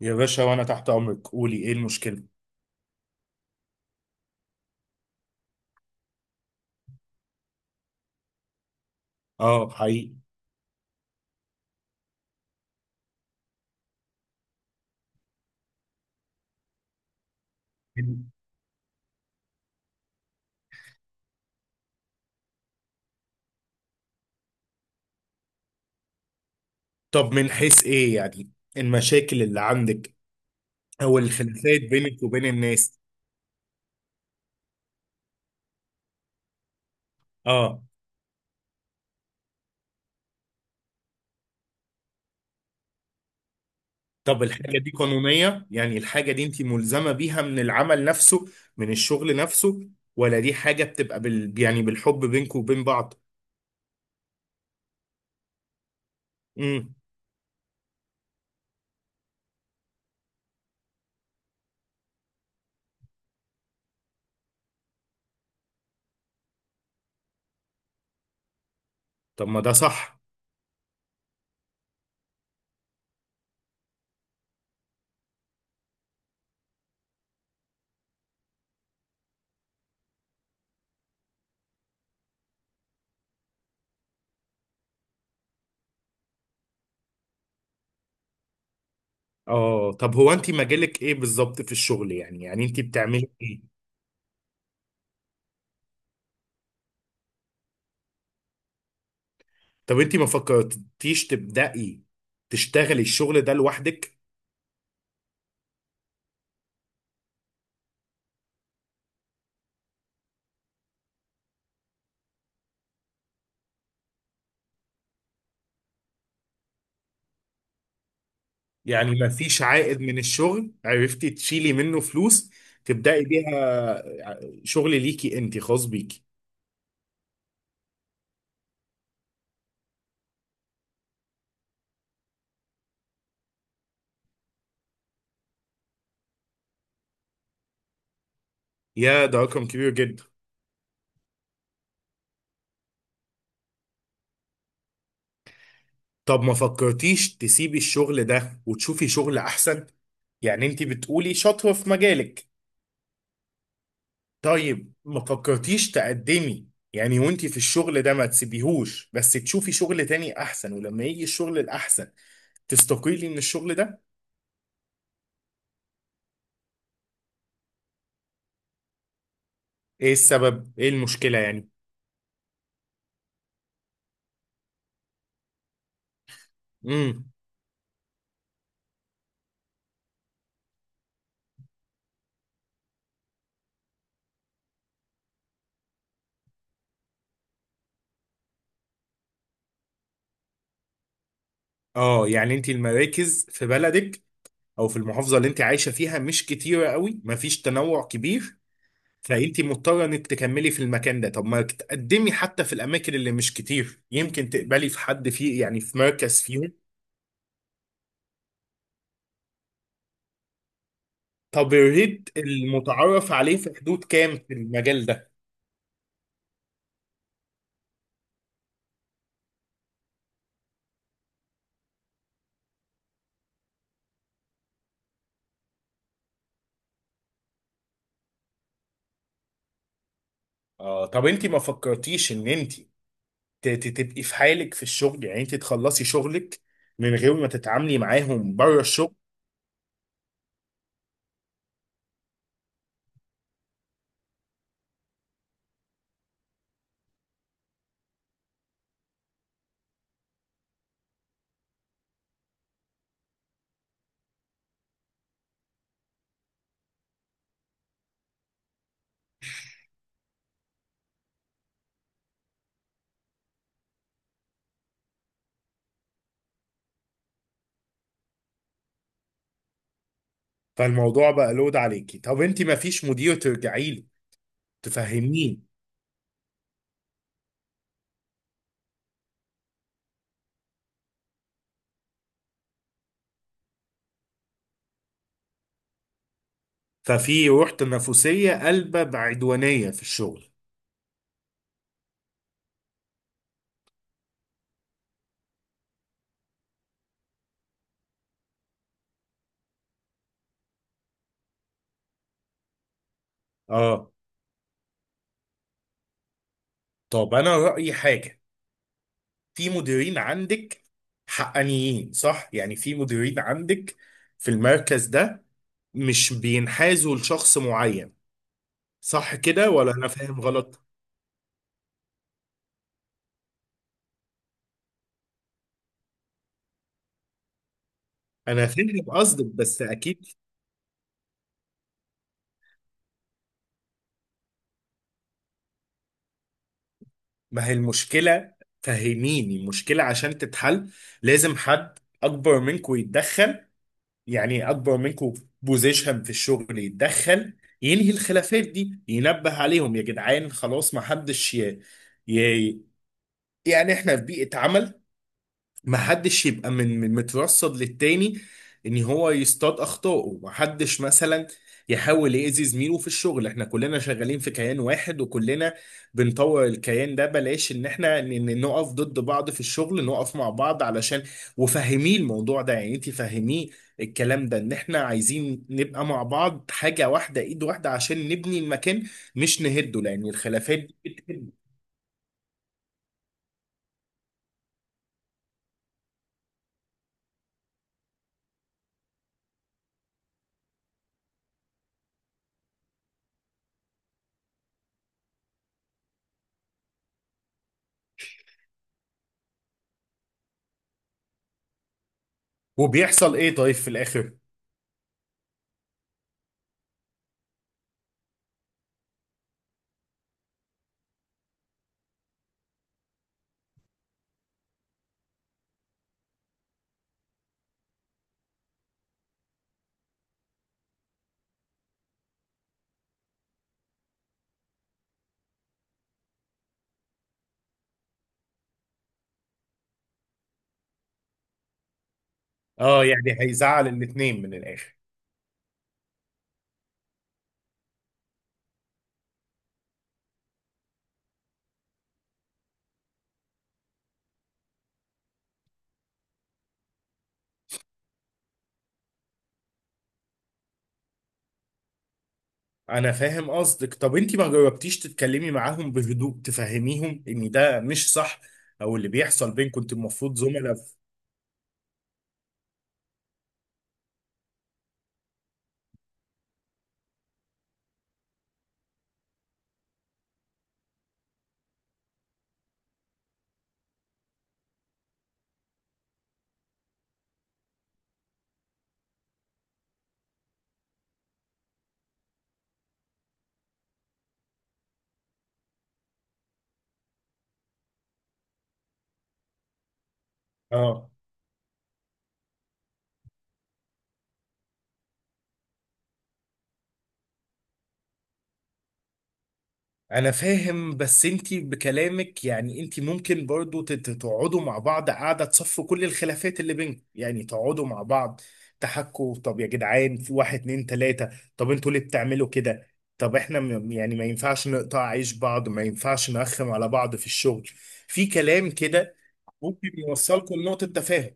يا باشا، وانا تحت امرك. قولي ايه المشكله؟ اه، حقيقي. طب من حيث ايه يعني؟ المشاكل اللي عندك او الخلافات بينك وبين الناس؟ اه. طب الحاجه دي قانونيه؟ يعني الحاجه دي انت ملزمه بيها من العمل نفسه، من الشغل نفسه، ولا دي حاجه بتبقى بالحب بينك وبين بعض؟ امم. طب ما ده صح. اه. طب هو انت مجالك ايه بالظبط في الشغل؟ يعني انت بتعملي ايه؟ طب انت ما فكرتيش تبدأي، تشتغلي الشغل ده لوحدك؟ يعني ما فيش عائد من الشغل عرفتي تشيلي منه فلوس تبدأي بيها، شغل ليكي انت خاص بيكي؟ يا، ده رقم كبير جدا. طب ما فكرتيش تسيبي الشغل ده وتشوفي شغل احسن؟ يعني انت بتقولي شاطرة في مجالك. طيب ما فكرتيش تقدمي؟ يعني وانت في الشغل ده ما تسيبيهوش، بس تشوفي شغل تاني احسن، ولما يجي الشغل الاحسن تستقيلي من الشغل ده. ايه السبب، ايه المشكلة يعني؟ امم. اه. يعني انت المراكز في بلدك او في المحافظه اللي انت عايشه فيها مش كتيره قوي، مفيش تنوع كبير، فانت مضطره انك تكملي في المكان ده. طب ما تقدمي حتى في الاماكن اللي مش كتير، يمكن تقبلي في حد فيه يعني، في مركز فيهم. طب الريت المتعارف عليه في حدود كام في المجال ده؟ اه. طب انت ما فكرتيش ان انت تبقي في حالك في الشغل، يعني انت تخلصي شغلك من غير ما تتعاملي معاهم بره الشغل؟ فالموضوع بقى لود عليكي. طب انت ما فيش مدير ترجعي له، تفهمين؟ ففي روح تنافسية قلبة بعدوانية في الشغل. اه. طب انا رأيي حاجة. في مديرين عندك حقانيين، صح؟ يعني في مديرين عندك في المركز ده مش بينحازوا لشخص معين، صح كده ولا انا فاهم غلط؟ انا فاهم قصدك، بس اكيد. ما هي المشكلة؟ فهميني المشكلة عشان تتحل. لازم حد اكبر منكم يتدخل، يعني اكبر منكم بوزيشن في الشغل، يتدخل ينهي الخلافات دي، ينبه عليهم، يا جدعان خلاص ما حدش ي... يعني احنا في بيئة عمل، ما حدش يبقى من مترصد للتاني ان هو يصطاد اخطائه. ما حدش مثلا يحاول يأذي زميله في الشغل. احنا كلنا شغالين في كيان واحد، وكلنا بنطور الكيان ده، بلاش ان احنا نقف ضد بعض في الشغل، نقف مع بعض علشان. وفهميه الموضوع ده، يعني انت فهميه الكلام ده، ان احنا عايزين نبقى مع بعض حاجة واحدة، ايد واحدة عشان نبني المكان مش نهده، لان الخلافات دي بتهد. وبيحصل ايه طيب في الاخر؟ اه، يعني هيزعل الاتنين من الاخر. انا فاهم قصدك. طب انت ما جربتيش تتكلمي معاهم بهدوء، تفهميهم ان ده مش صح، او اللي بيحصل بينكم؟ انت المفروض زملاء في-. اه، انا فاهم. بس انتي بكلامك يعني انتي ممكن برضو تقعدوا مع بعض، قاعدة تصفوا كل الخلافات اللي بينكم، يعني تقعدوا مع بعض تحكوا، طب يا جدعان في واحد اتنين تلاتة، طب انتوا ليه بتعملوا كده؟ طب احنا يعني ما ينفعش نقطع عيش بعض، ما ينفعش نرخم على بعض في الشغل، في كلام كده ممكن يوصلكم لنقطة تفاهم.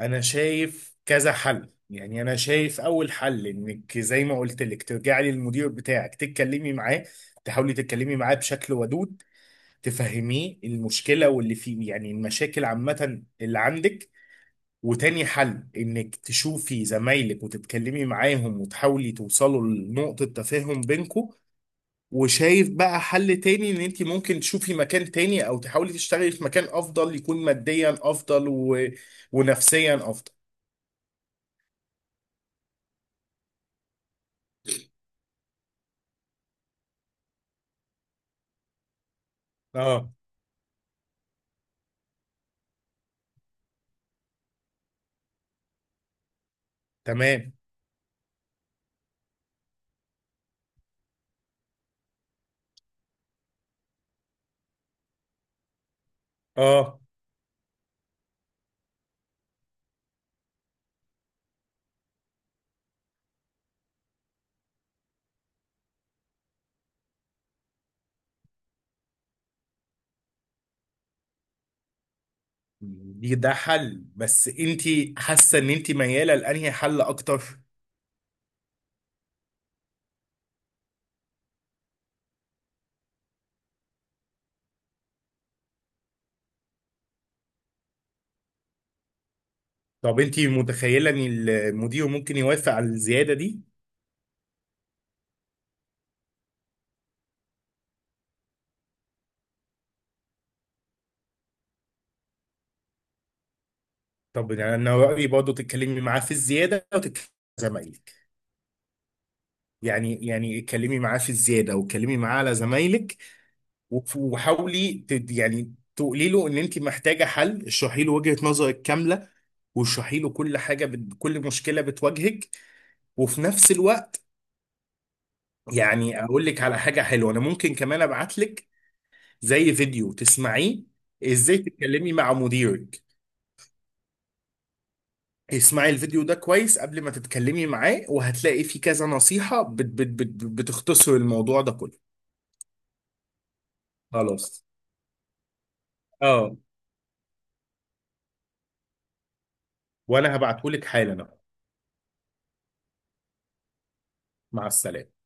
انا شايف كذا حل، يعني انا شايف اول حل انك زي ما قلت لك ترجعي للمدير بتاعك، تتكلمي معاه، تحاولي تتكلمي معاه بشكل ودود، تفهميه المشكله واللي فيه، يعني المشاكل عامه اللي عندك. وتاني حل انك تشوفي زمايلك وتتكلمي معاهم، وتحاولي توصلوا لنقطه تفاهم بينكم. وشايف بقى حل تاني ان انت ممكن تشوفي مكان تاني، او تحاولي تشتغلي في مكان افضل، يكون ماديا افضل ونفسيا افضل. اه، تمام. اه دي ده حل، بس انت حاسه ان انت مياله لانهي حل اكتر؟ طب انت متخيله ان المدير ممكن يوافق على الزياده دي؟ طب انا رايي برضه تتكلمي معاه في الزياده، وتتكلمي مع زمايلك. يعني اتكلمي معاه في الزياده واتكلمي معاه على زمايلك. وحاولي تقولي له ان انت محتاجه حل، اشرحي له وجهه نظرك كامله، واشرحي له كل حاجه كل مشكله بتواجهك، وفي نفس الوقت يعني اقول لك على حاجه حلوه. انا ممكن كمان ابعت لك زي فيديو تسمعيه، ازاي تتكلمي مع مديرك. اسمعي الفيديو ده كويس قبل ما تتكلمي معاه، وهتلاقي فيه كذا نصيحه بت بت بت بتختصر الموضوع ده كله. خلاص. اه وانا هبعته لك حالا أهو. مع السلامه.